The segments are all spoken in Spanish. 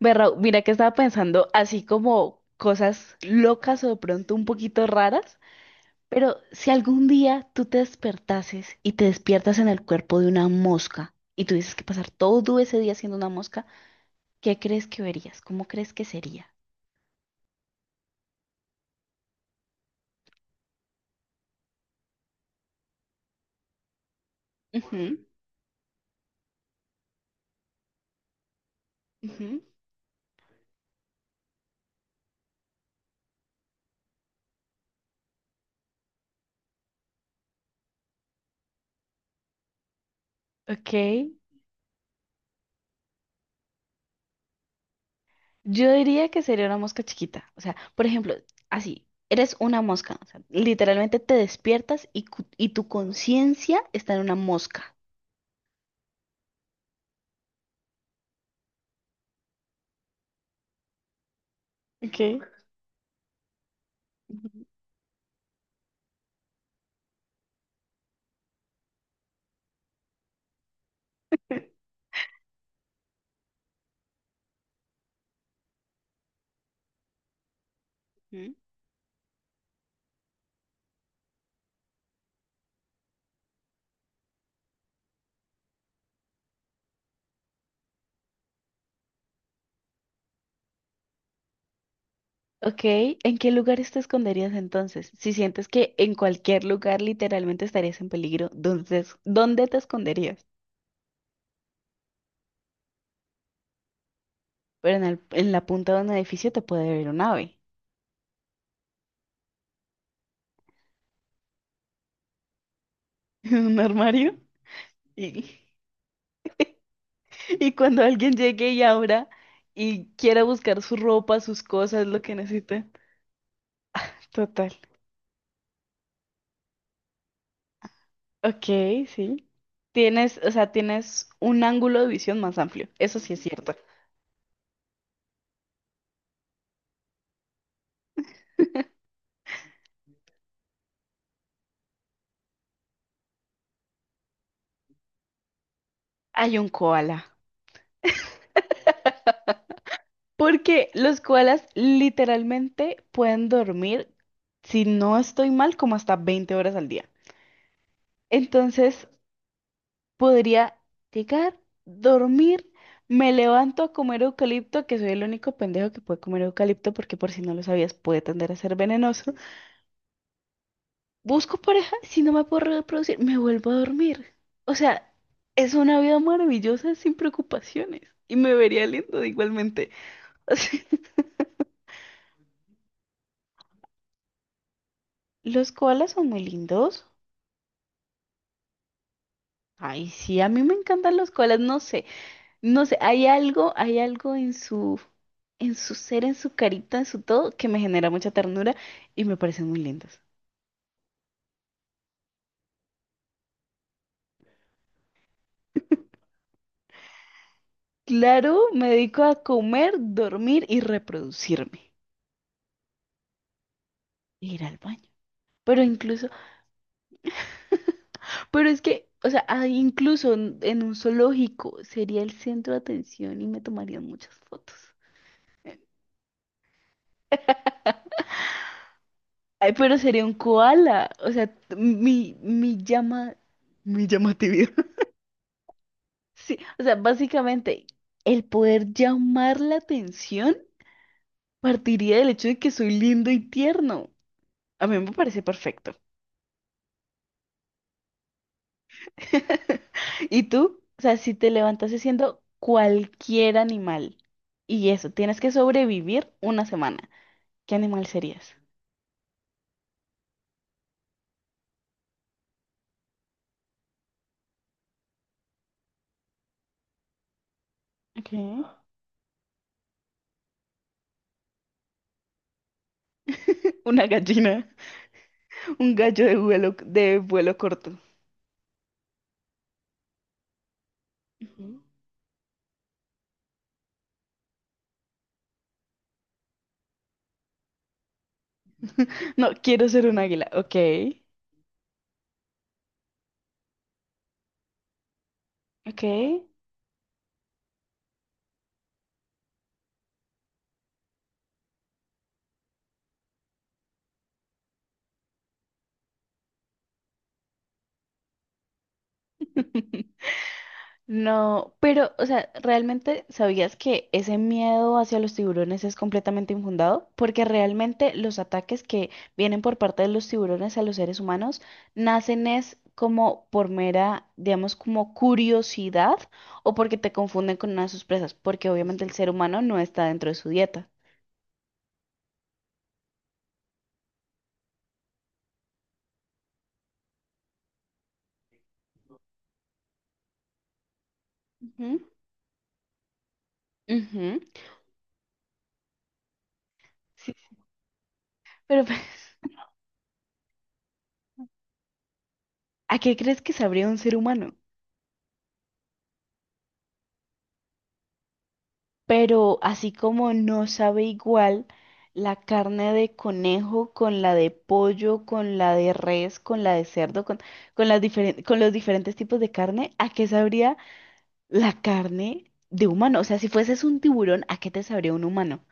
Ve, Raúl, mira que estaba pensando así como cosas locas o de pronto un poquito raras, pero si algún día tú te despertases y te despiertas en el cuerpo de una mosca y tuvieses que pasar todo ese día siendo una mosca, ¿qué crees que verías? ¿Cómo crees que sería? Ujú, ujú. Ok. Yo diría que sería una mosca chiquita. O sea, por ejemplo, así, eres una mosca. O sea, literalmente te despiertas y, y tu conciencia está en una mosca. Okay. Ujú. Ok, ¿en qué lugares te esconderías entonces? Si sientes que en cualquier lugar literalmente estarías en peligro, entonces, ¿dónde te esconderías? Pero en, en la punta de un edificio te puede ver un ave. Un armario. Y, y cuando alguien llegue y abra y quiera buscar su ropa, sus cosas, lo que necesite. Total. Ok, sí. Tienes, o sea, tienes un ángulo de visión más amplio. Eso sí es cierto. Hay un koala. Porque los koalas literalmente pueden dormir, si no estoy mal, como hasta 20 horas al día. Entonces, podría llegar, dormir, me levanto a comer eucalipto, que soy el único pendejo que puede comer eucalipto, porque por si no lo sabías, puede tender a ser venenoso. Busco pareja, si no me puedo reproducir, me vuelvo a dormir. O sea, es una vida maravillosa sin preocupaciones. Y me vería lindo igualmente. O sea, los koalas son muy lindos. Ay, sí, a mí me encantan los koalas, no sé, no sé, hay algo en su ser, en su carita, en su todo, que me genera mucha ternura y me parecen muy lindos. Claro, me dedico a comer, dormir y reproducirme, e ir al baño. Pero incluso, pero es que, o sea, ah, incluso en, un zoológico sería el centro de atención y me tomarían muchas fotos. Ay, pero sería un koala, o sea, mi, llama, mi llamatividad. Sí, o sea, básicamente el poder llamar la atención partiría del hecho de que soy lindo y tierno. A mí me parece perfecto. ¿Y tú? O sea, si te levantas siendo cualquier animal y eso, tienes que sobrevivir una semana, ¿qué animal serías? Okay. Una gallina, un gallo de vuelo corto. Ujú. No, quiero ser un águila. Ok, ok. No, pero, o sea, ¿realmente sabías que ese miedo hacia los tiburones es completamente infundado? Porque realmente los ataques que vienen por parte de los tiburones a los seres humanos nacen es como por mera, digamos, como curiosidad o porque te confunden con una de sus presas, porque obviamente el ser humano no está dentro de su dieta. Ujú. Ujú. Sí, pero ¿a qué crees que sabría un ser humano? Pero así como no sabe igual la carne de conejo con la de pollo, con la de res, con la de cerdo, con las con los diferentes tipos de carne, ¿a qué sabría la carne de humano? O sea, si fueses un tiburón, ¿a qué te sabría un humano?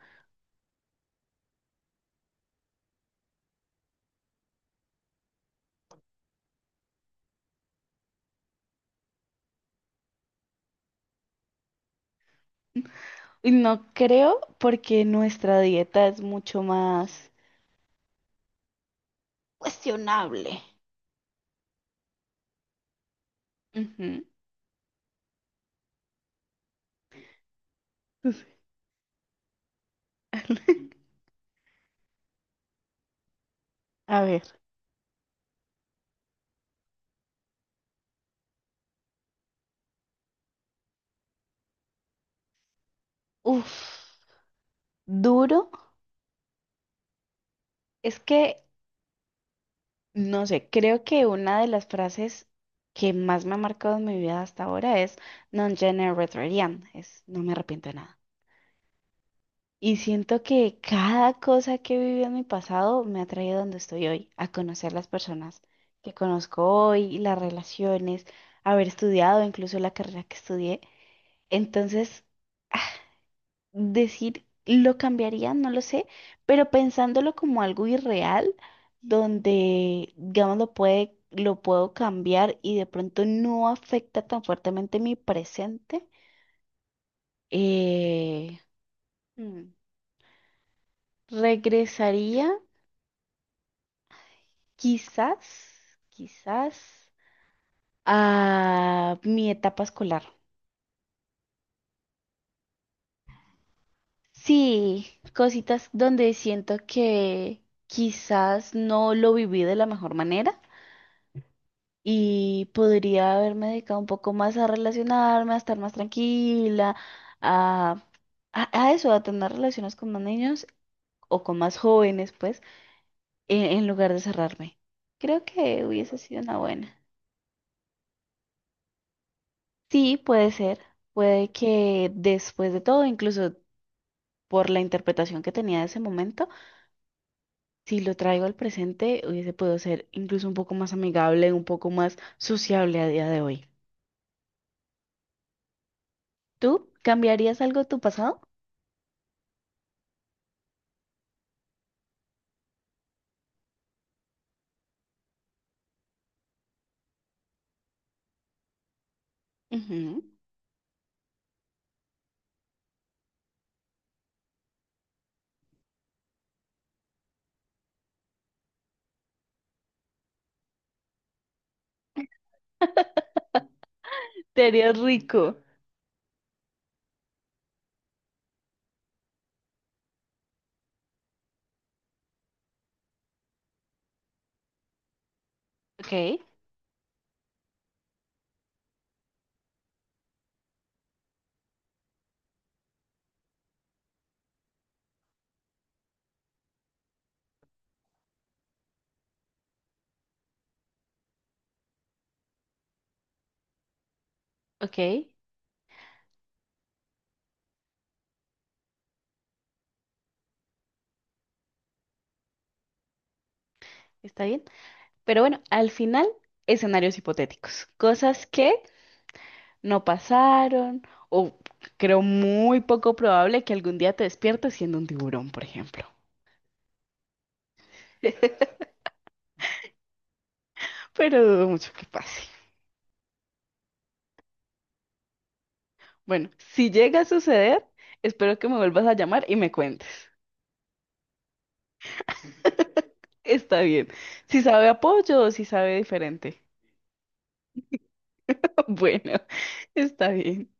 Y no creo porque nuestra dieta es mucho más cuestionable. Ujú. A ver, uff, duro. Es que no sé, creo que una de las frases que más me ha marcado en mi vida hasta ahora es non gene retrarian, es no me arrepiento de nada. Y siento que cada cosa que he vivido en mi pasado me ha traído a donde estoy hoy, a conocer las personas que conozco hoy, las relaciones, haber estudiado incluso la carrera que estudié. Entonces, decir lo cambiaría, no lo sé, pero pensándolo como algo irreal, donde, digamos, lo puede, lo puedo cambiar y de pronto no afecta tan fuertemente mi presente, eh, hmm, regresaría quizás, quizás a mi etapa escolar. Sí, cositas donde siento que quizás no lo viví de la mejor manera y podría haberme dedicado un poco más a relacionarme, a estar más tranquila, a, a eso, a tener relaciones con más niños o con más jóvenes, pues, en, lugar de cerrarme. Creo que hubiese sido una buena. Sí, puede ser. Puede que después de todo, incluso por la interpretación que tenía de ese momento, si lo traigo al presente, hubiese podido ser incluso un poco más amigable, un poco más sociable a día de hoy. ¿Tú cambiarías algo de tu pasado? Ujú. Te harías rico. Ok, ok, está bien. Pero bueno, al final, escenarios hipotéticos, cosas que no pasaron o creo muy poco probable que algún día te despiertes siendo un tiburón, por ejemplo. Pero dudo mucho que pase. Bueno, si llega a suceder, espero que me vuelvas a llamar y me cuentes. Está bien. Si sabe apoyo o si sabe diferente. Bueno, está bien.